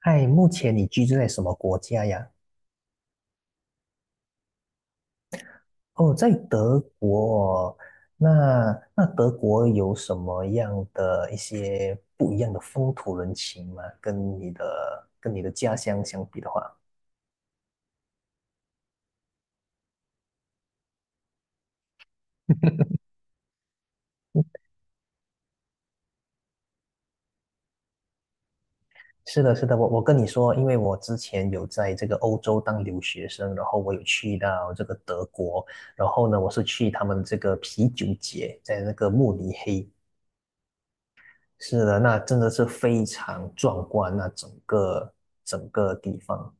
嗨，目前你居住在什么国家呀？哦，在德国哦。那德国有什么样的一些不一样的风土人情吗？跟你的家乡相比的话。是的，是的，我跟你说，因为我之前有在这个欧洲当留学生，然后我有去到这个德国，然后呢，我是去他们这个啤酒节，在那个慕尼黑。是的，那真的是非常壮观，那整个地方。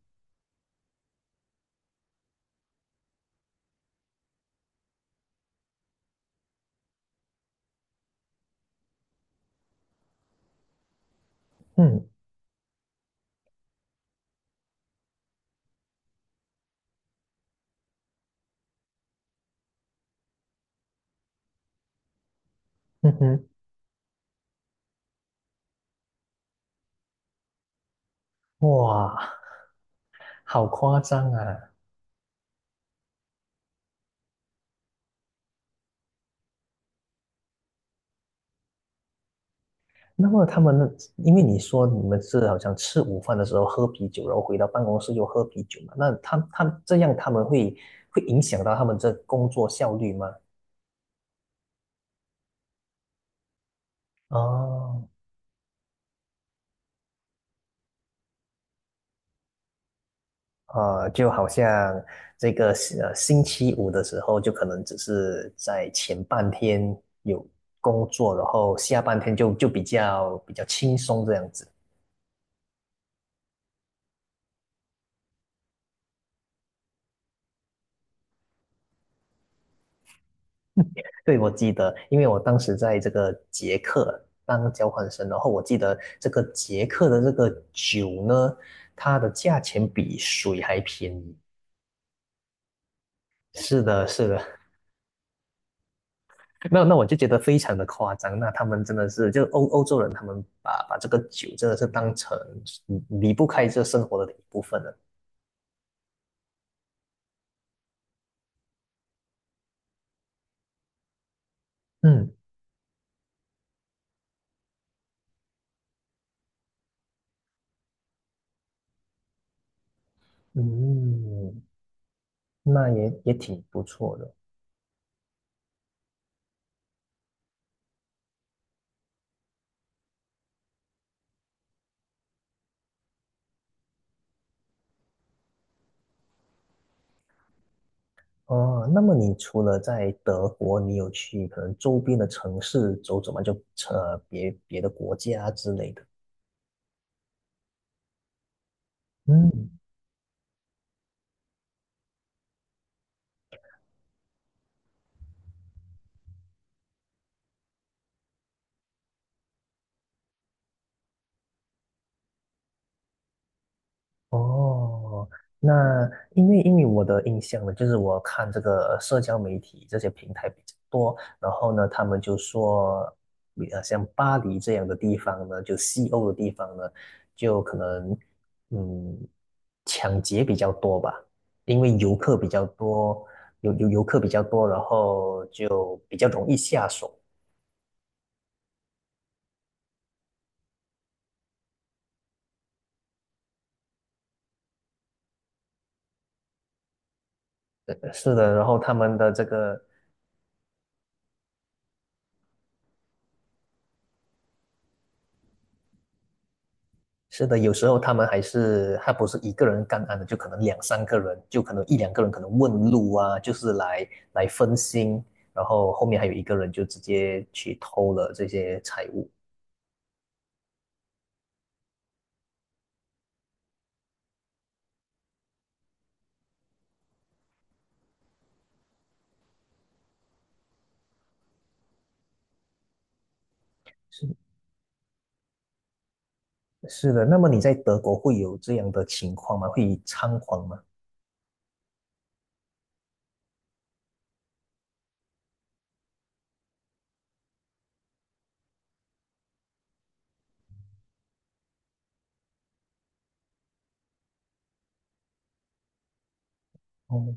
嗯嗯哼。哇，好夸张啊！那么他们，因为你说你们是好像吃午饭的时候喝啤酒，然后回到办公室又喝啤酒嘛，那他这样他们会影响到他们这工作效率吗？哦，就好像这个星期五的时候，就可能只是在前半天有工作，然后下半天就比较轻松这样子。对，我记得，因为我当时在这个捷克当交换生，然后我记得这个捷克的这个酒呢，它的价钱比水还便宜。是的，是的，那我就觉得非常的夸张。那他们真的是，就欧洲人，他们把这个酒真的是当成离不开这生活的一部分了。嗯嗯，那也挺不错的。哦，那么你除了在德国，你有去可能周边的城市走走吗？就别的国家之类的。嗯，哦，那因为我的印象呢，就是我看这个社交媒体这些平台比较多，然后呢，他们就说，像巴黎这样的地方呢，就西欧的地方呢，就可能嗯，抢劫比较多吧，因为游客比较多，有游客比较多，然后就比较容易下手。是的，然后他们的这个，是的，有时候他们还是他不是一个人干案的，就可能两三个人，就可能一两个人可能问路啊，就是来分心，然后后面还有一个人就直接去偷了这些财物。是是的，那么你在德国会有这样的情况吗？会猖狂吗？哦，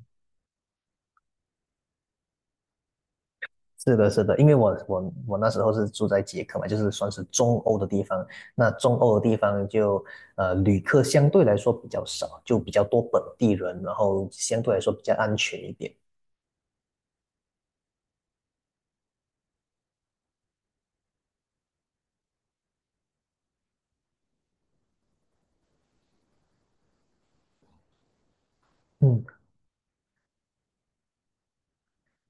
是的，是的，因为我那时候是住在捷克嘛，就是算是中欧的地方。那中欧的地方就旅客相对来说比较少，就比较多本地人，然后相对来说比较安全一点。嗯，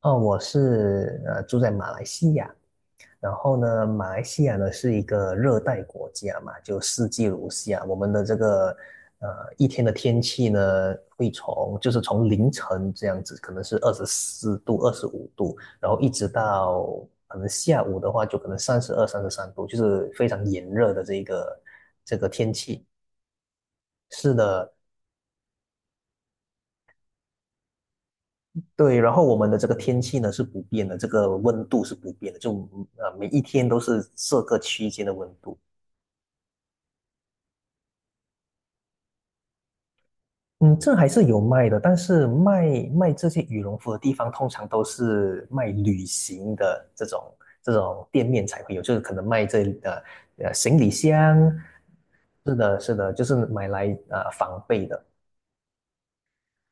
哦，我是住在马来西亚，然后呢，马来西亚呢是一个热带国家嘛，就四季如夏。我们的这个呃一天的天气呢，会从就是从凌晨这样子，可能是24度、25度，然后一直到可能下午的话，就可能32、33度，就是非常炎热的这个天气。是的，对，然后我们的这个天气呢是不变的，这个温度是不变的，就每一天都是这个区间的温度。嗯，这还是有卖的，但是卖这些羽绒服的地方通常都是卖旅行的这种店面才会有，就是可能卖这行李箱，是的，是的，就是买来防备的。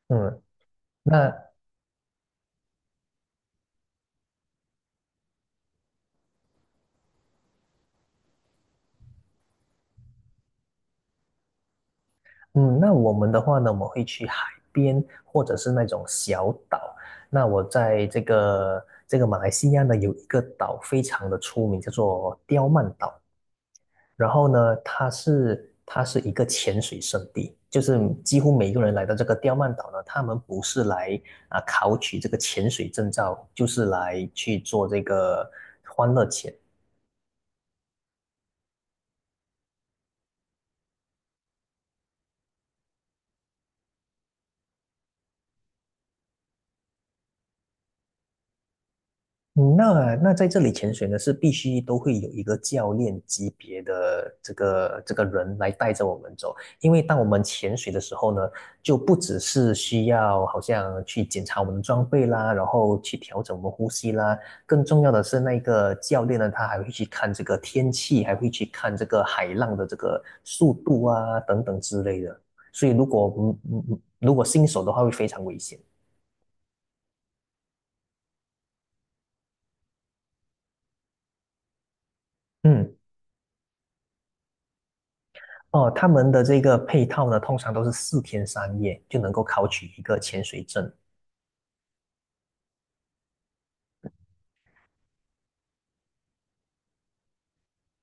嗯。那我们的话呢，我们会去海边或者是那种小岛。那我在这个马来西亚呢，有一个岛非常的出名，叫做刁曼岛。然后呢，它是一个潜水圣地，就是几乎每一个人来到这个刁曼岛呢，他们不是来考取这个潜水证照，就是来去做这个欢乐潜。那在这里潜水呢，是必须都会有一个教练级别的这个人来带着我们走，因为当我们潜水的时候呢，就不只是需要好像去检查我们的装备啦，然后去调整我们呼吸啦，更重要的是那个教练呢，他还会去看这个天气，还会去看这个海浪的这个速度啊等等之类的，所以如果嗯嗯嗯如果新手的话会非常危险。嗯。哦，他们的这个配套呢，通常都是4天3夜就能够考取一个潜水证。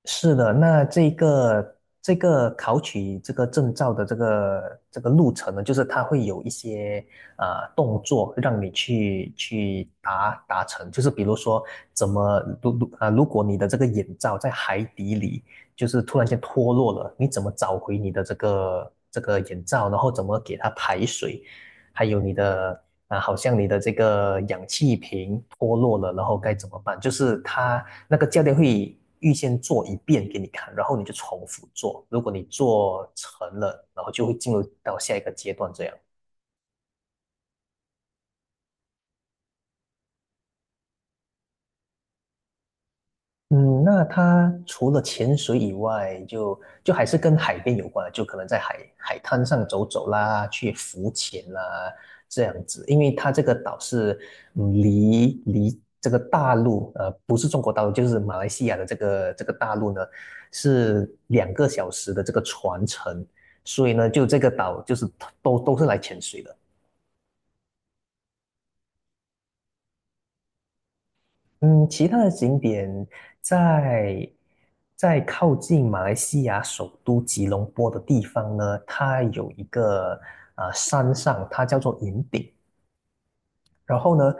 是的，那这个考取这个证照的这个路程呢，就是它会有一些呃动作让你去达成，就是比如说怎么如如啊，如果你的这个眼罩在海底里就是突然间脱落了，你怎么找回你的这个眼罩，然后怎么给它排水。还有你的啊，好像你的这个氧气瓶脱落了，然后该怎么办？就是他那个教练会预先做一遍给你看，然后你就重复做。如果你做成了，然后就会进入到下一个阶段这样。嗯，那它除了潜水以外，就还是跟海边有关的，就可能在海滩上走走啦，去浮潜啦，这样子。因为它这个岛是离这个大陆，不是中国大陆，就是马来西亚的这个大陆呢，是2个小时的这个船程，所以呢，就这个岛就是都是来潜水的。嗯，其他的景点在在靠近马来西亚首都吉隆坡的地方呢，它有一个山上，它叫做云顶。然后呢，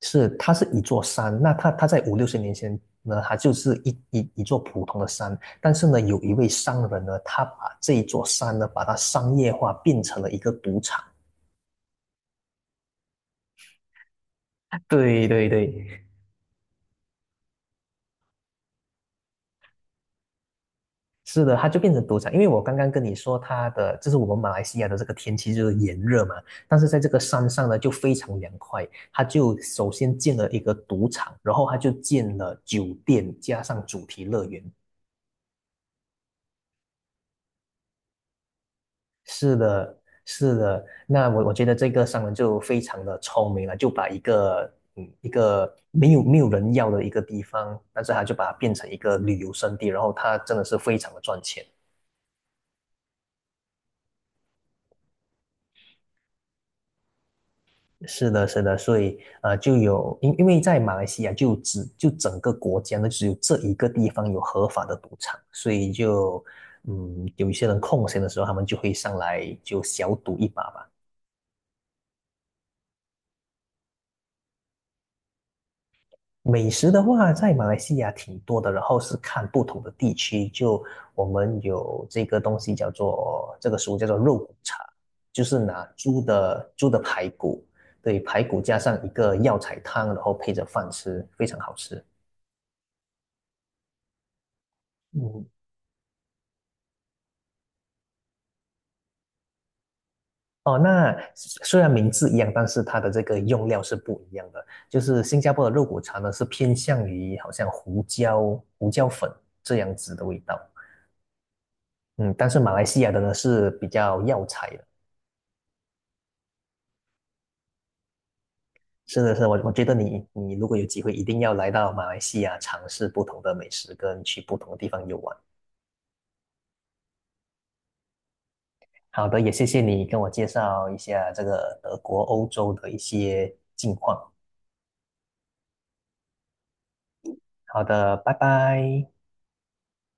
是它是一座山，那它在五六十年前呢，它就是一座普通的山。但是呢，有一位商人呢，他把这一座山呢，把它商业化，变成了一个赌场。对对对。是的，它就变成赌场，因为我刚刚跟你说，就是我们马来西亚的这个天气就是炎热嘛，但是在这个山上呢就非常凉快，它就首先建了一个赌场，然后它就建了酒店加上主题乐园。是的，是的，那我觉得这个商人就非常的聪明了，就把一个一个没有人要的一个地方，但是他就把它变成一个旅游胜地，然后他真的是非常的赚钱。是的，是的，所以就有因因为在马来西亚就整个国家呢，只有这一个地方有合法的赌场，所以就有一些人空闲的时候，他们就会上来就小赌一把吧。美食的话，在马来西亚挺多的，然后是看不同的地区，就我们有这个东西叫做这个食物叫做肉骨茶，就是拿猪的排骨，对，排骨加上一个药材汤，然后配着饭吃，非常好吃。嗯，哦，那虽然名字一样，但是它的这个用料是不一样的。就是新加坡的肉骨茶呢，是偏向于好像胡椒、胡椒粉这样子的味道。嗯，但是马来西亚的呢是比较药材的。是的，是的，我觉得你如果有机会，一定要来到马来西亚尝试不同的美食，跟去不同的地方游玩。好的，也谢谢你跟我介绍一下这个德国、欧洲的一些近况。好的，拜拜。